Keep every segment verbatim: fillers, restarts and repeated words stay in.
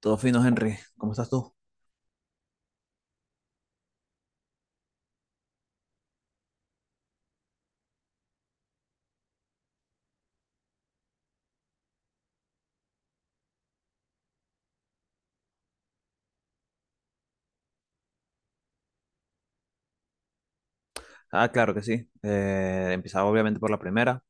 Todo fino, Henry. ¿Cómo estás tú? Ah, claro que sí. Eh, empezaba obviamente por la primera,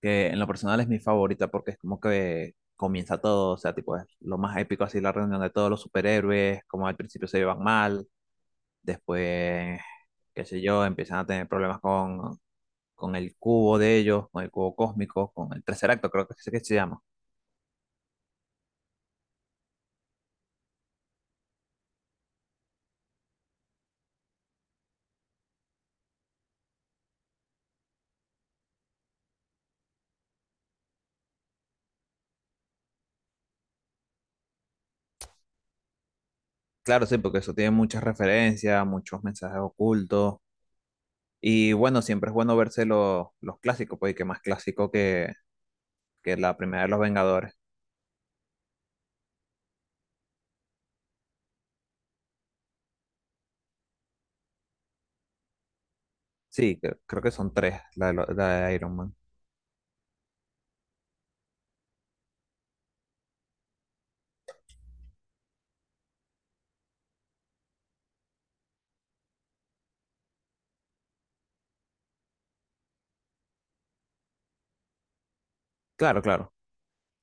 que en lo personal es mi favorita porque es como que comienza todo, o sea, tipo, es lo más épico así, la reunión de todos los superhéroes, como al principio se llevan mal, después, qué sé yo, empiezan a tener problemas con, con el cubo de ellos, con el cubo cósmico, con el tercer acto, creo que es que se llama. Claro, sí, porque eso tiene muchas referencias, muchos mensajes ocultos. Y bueno, siempre es bueno verse lo- los clásicos, porque qué más clásico que, que la primera de los Vengadores. Sí, que- creo que son tres, la de, lo- la de Iron Man. Claro, claro.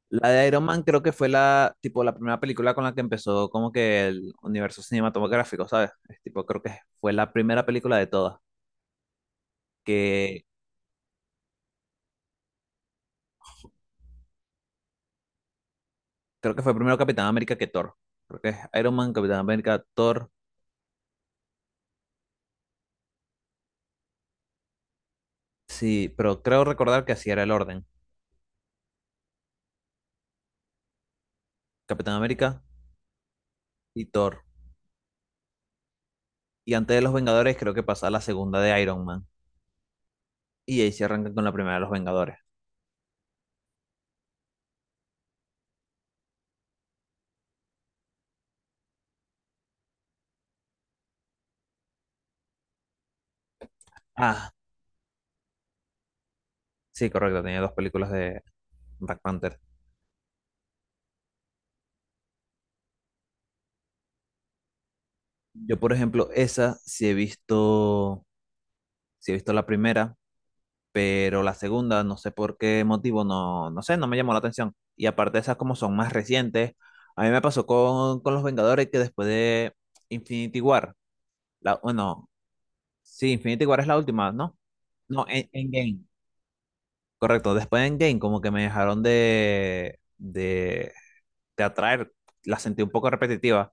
La de Iron Man creo que fue la, tipo, la primera película con la que empezó como que el universo cinematográfico, ¿sabes? Es tipo, creo que fue la primera película de todas, que creo que fue primero Capitán América que Thor. Creo que es Iron Man, Capitán América, Thor. Sí, pero creo recordar que así era el orden. Capitán América y Thor. Y antes de los Vengadores creo que pasa la segunda de Iron Man. Y ahí se arrancan con la primera de los Vengadores. Ah, sí, correcto, tenía dos películas de Black Panther. Yo, por ejemplo, esa sí he visto, sí he visto la primera, pero la segunda, no sé por qué motivo, no, no sé, no me llamó la atención. Y aparte esas como son más recientes, a mí me pasó con, con Los Vengadores que después de Infinity War, la, bueno, sí, Infinity War es la última, ¿no? No, en, Endgame, correcto. Después de Endgame como que me dejaron de, de, de atraer, la sentí un poco repetitiva.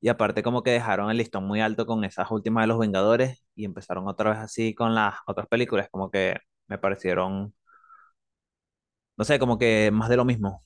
Y aparte como que dejaron el listón muy alto con esas últimas de los Vengadores y empezaron otra vez así con las otras películas, como que me parecieron, no sé, como que más de lo mismo.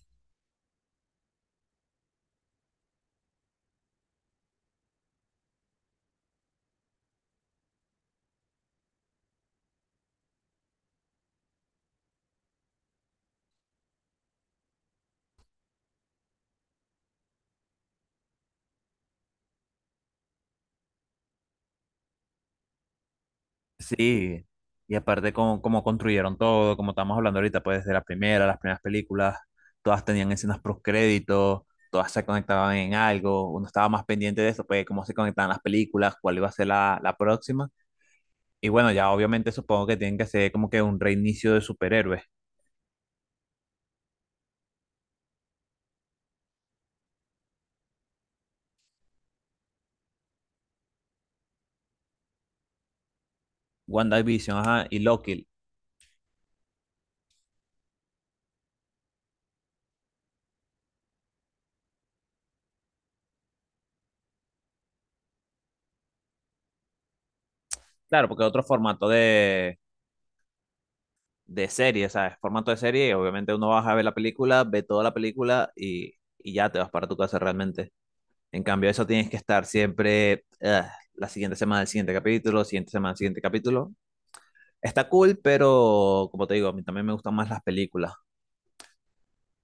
Sí, y aparte como, como construyeron todo, como estamos hablando ahorita, pues desde la primera, las primeras películas, todas tenían escenas postcréditos, todas se conectaban en algo, uno estaba más pendiente de eso, pues cómo se conectaban las películas, cuál iba a ser la, la próxima. Y bueno, ya obviamente supongo que tienen que hacer como que un reinicio de superhéroes. WandaVision, ajá, y Loki. Claro, porque otro formato de, de serie, ¿sabes? Formato de serie, obviamente uno vas a ver la película, ve toda la película y, y ya te vas para tu casa realmente. En cambio, eso tienes que estar siempre ugh, la siguiente semana, el siguiente capítulo, siguiente semana, el siguiente capítulo. Está cool, pero como te digo, a mí también me gustan más las películas.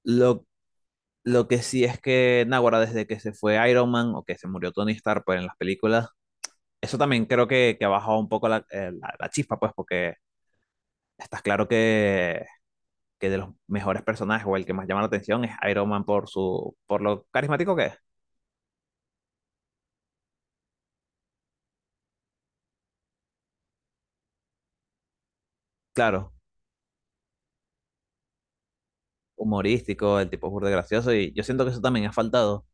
Lo, lo que sí es que, Naguará, desde que se fue Iron Man o que se murió Tony Stark pues, en las películas, eso también creo que, que ha bajado un poco la, eh, la, la chispa, pues, porque estás claro que que de los mejores personajes o el que más llama la atención es Iron Man por su, por lo carismático que es. Claro, humorístico, el tipo es burda de gracioso y yo siento que eso también ha faltado.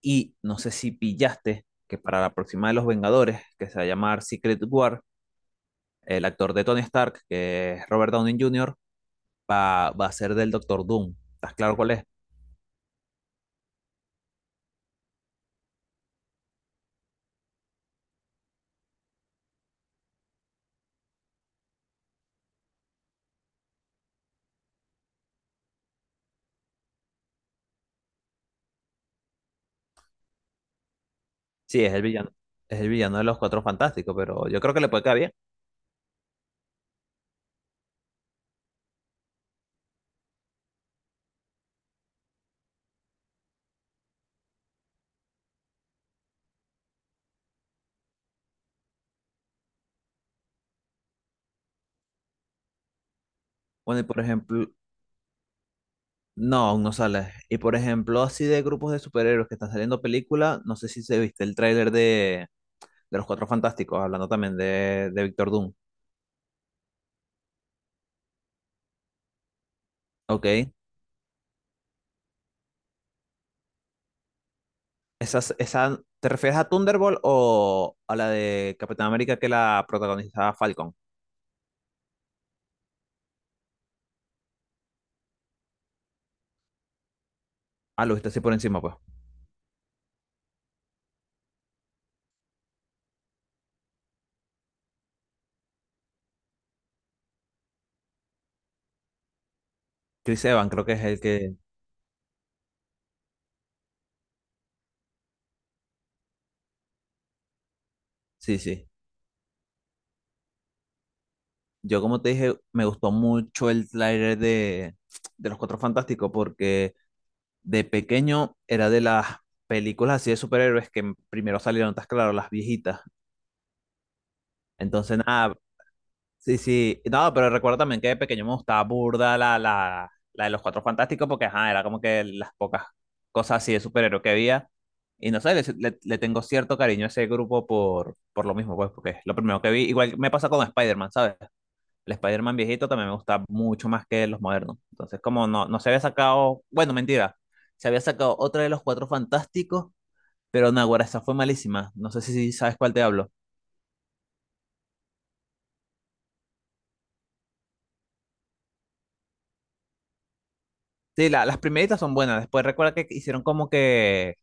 Y no sé si pillaste que para la próxima de los Vengadores, que se va a llamar Secret War, el actor de Tony Stark, que es Robert Downey junior, va, va a ser del Doctor Doom. ¿Estás claro cuál es? Sí, es el villano. Es el villano de los Cuatro Fantásticos, pero yo creo que le puede quedar bien. Bueno, y por ejemplo, no, aún no sale. Y por ejemplo, así de grupos de superhéroes que están saliendo películas, no sé si se viste el tráiler de, de Los Cuatro Fantásticos, hablando también de, de Doctor Doom. Ok. Esas, esa, ¿te refieres a Thunderbolt o a la de Capitán América que la protagoniza Falcon? Ah, lo viste así por encima, pues. Chris Evans creo que es el que... Sí, sí. Yo como te dije, me gustó mucho el tráiler de, de Los Cuatro Fantásticos porque de pequeño era de las películas así de superhéroes que primero salieron, estás claro, las viejitas. Entonces, nada, sí, sí. No, pero recuerdo también que de pequeño me gustaba burda la, la, la de los Cuatro Fantásticos porque, ajá, era como que las pocas cosas así de superhéroes que había. Y no sé, le, le- le tengo cierto cariño a ese grupo por, por lo mismo, pues, porque es lo primero que vi. Igual me pasa con Spider-Man, ¿sabes? El Spider-Man viejito también me gusta mucho más que los modernos. Entonces, como no, no se había sacado, bueno, mentira, se había sacado otra de los Cuatro Fantásticos pero no, güera, esa fue malísima. No sé si sabes cuál te hablo. Sí, la- las primeritas son buenas. Después recuerda que hicieron como que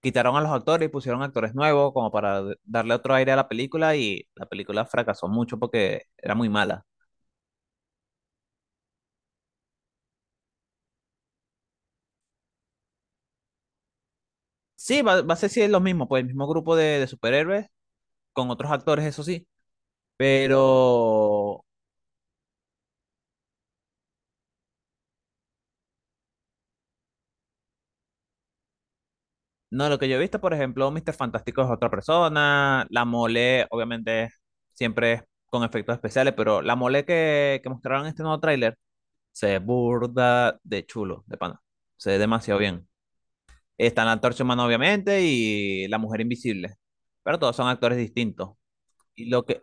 quitaron a los actores y pusieron actores nuevos como para d- darle otro aire a la película y la película fracasó mucho porque era muy mala. Sí, va, va a ser sí, lo mismo, pues el mismo grupo de, de superhéroes con otros actores, eso sí. Pero no, lo que yo he visto, por ejemplo, míster Fantástico es otra persona, la mole, obviamente, siempre es con efectos especiales, pero la mole que, que mostraron en este nuevo tráiler se ve burda de chulo, de pana. Se ve demasiado bien. Está la antorcha humana, obviamente, y la mujer invisible. Pero todos son actores distintos. Y lo que.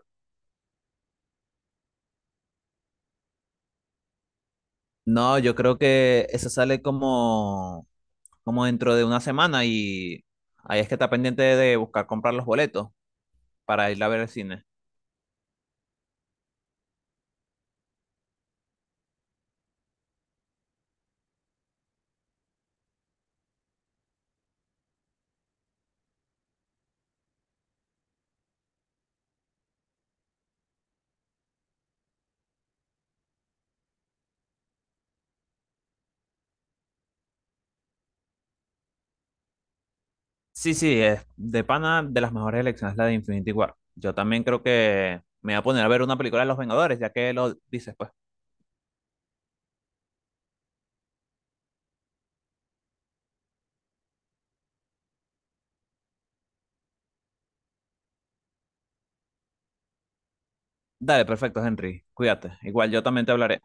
No, yo creo que eso sale como, como dentro de una semana y ahí es que está pendiente de buscar comprar los boletos para ir a ver el cine. Sí, sí, es de pana de las mejores elecciones la de Infinity War. Yo también creo que me voy a poner a ver una película de Los Vengadores, ya que lo dices, pues. Dale, perfecto, Henry. Cuídate. Igual yo también te hablaré.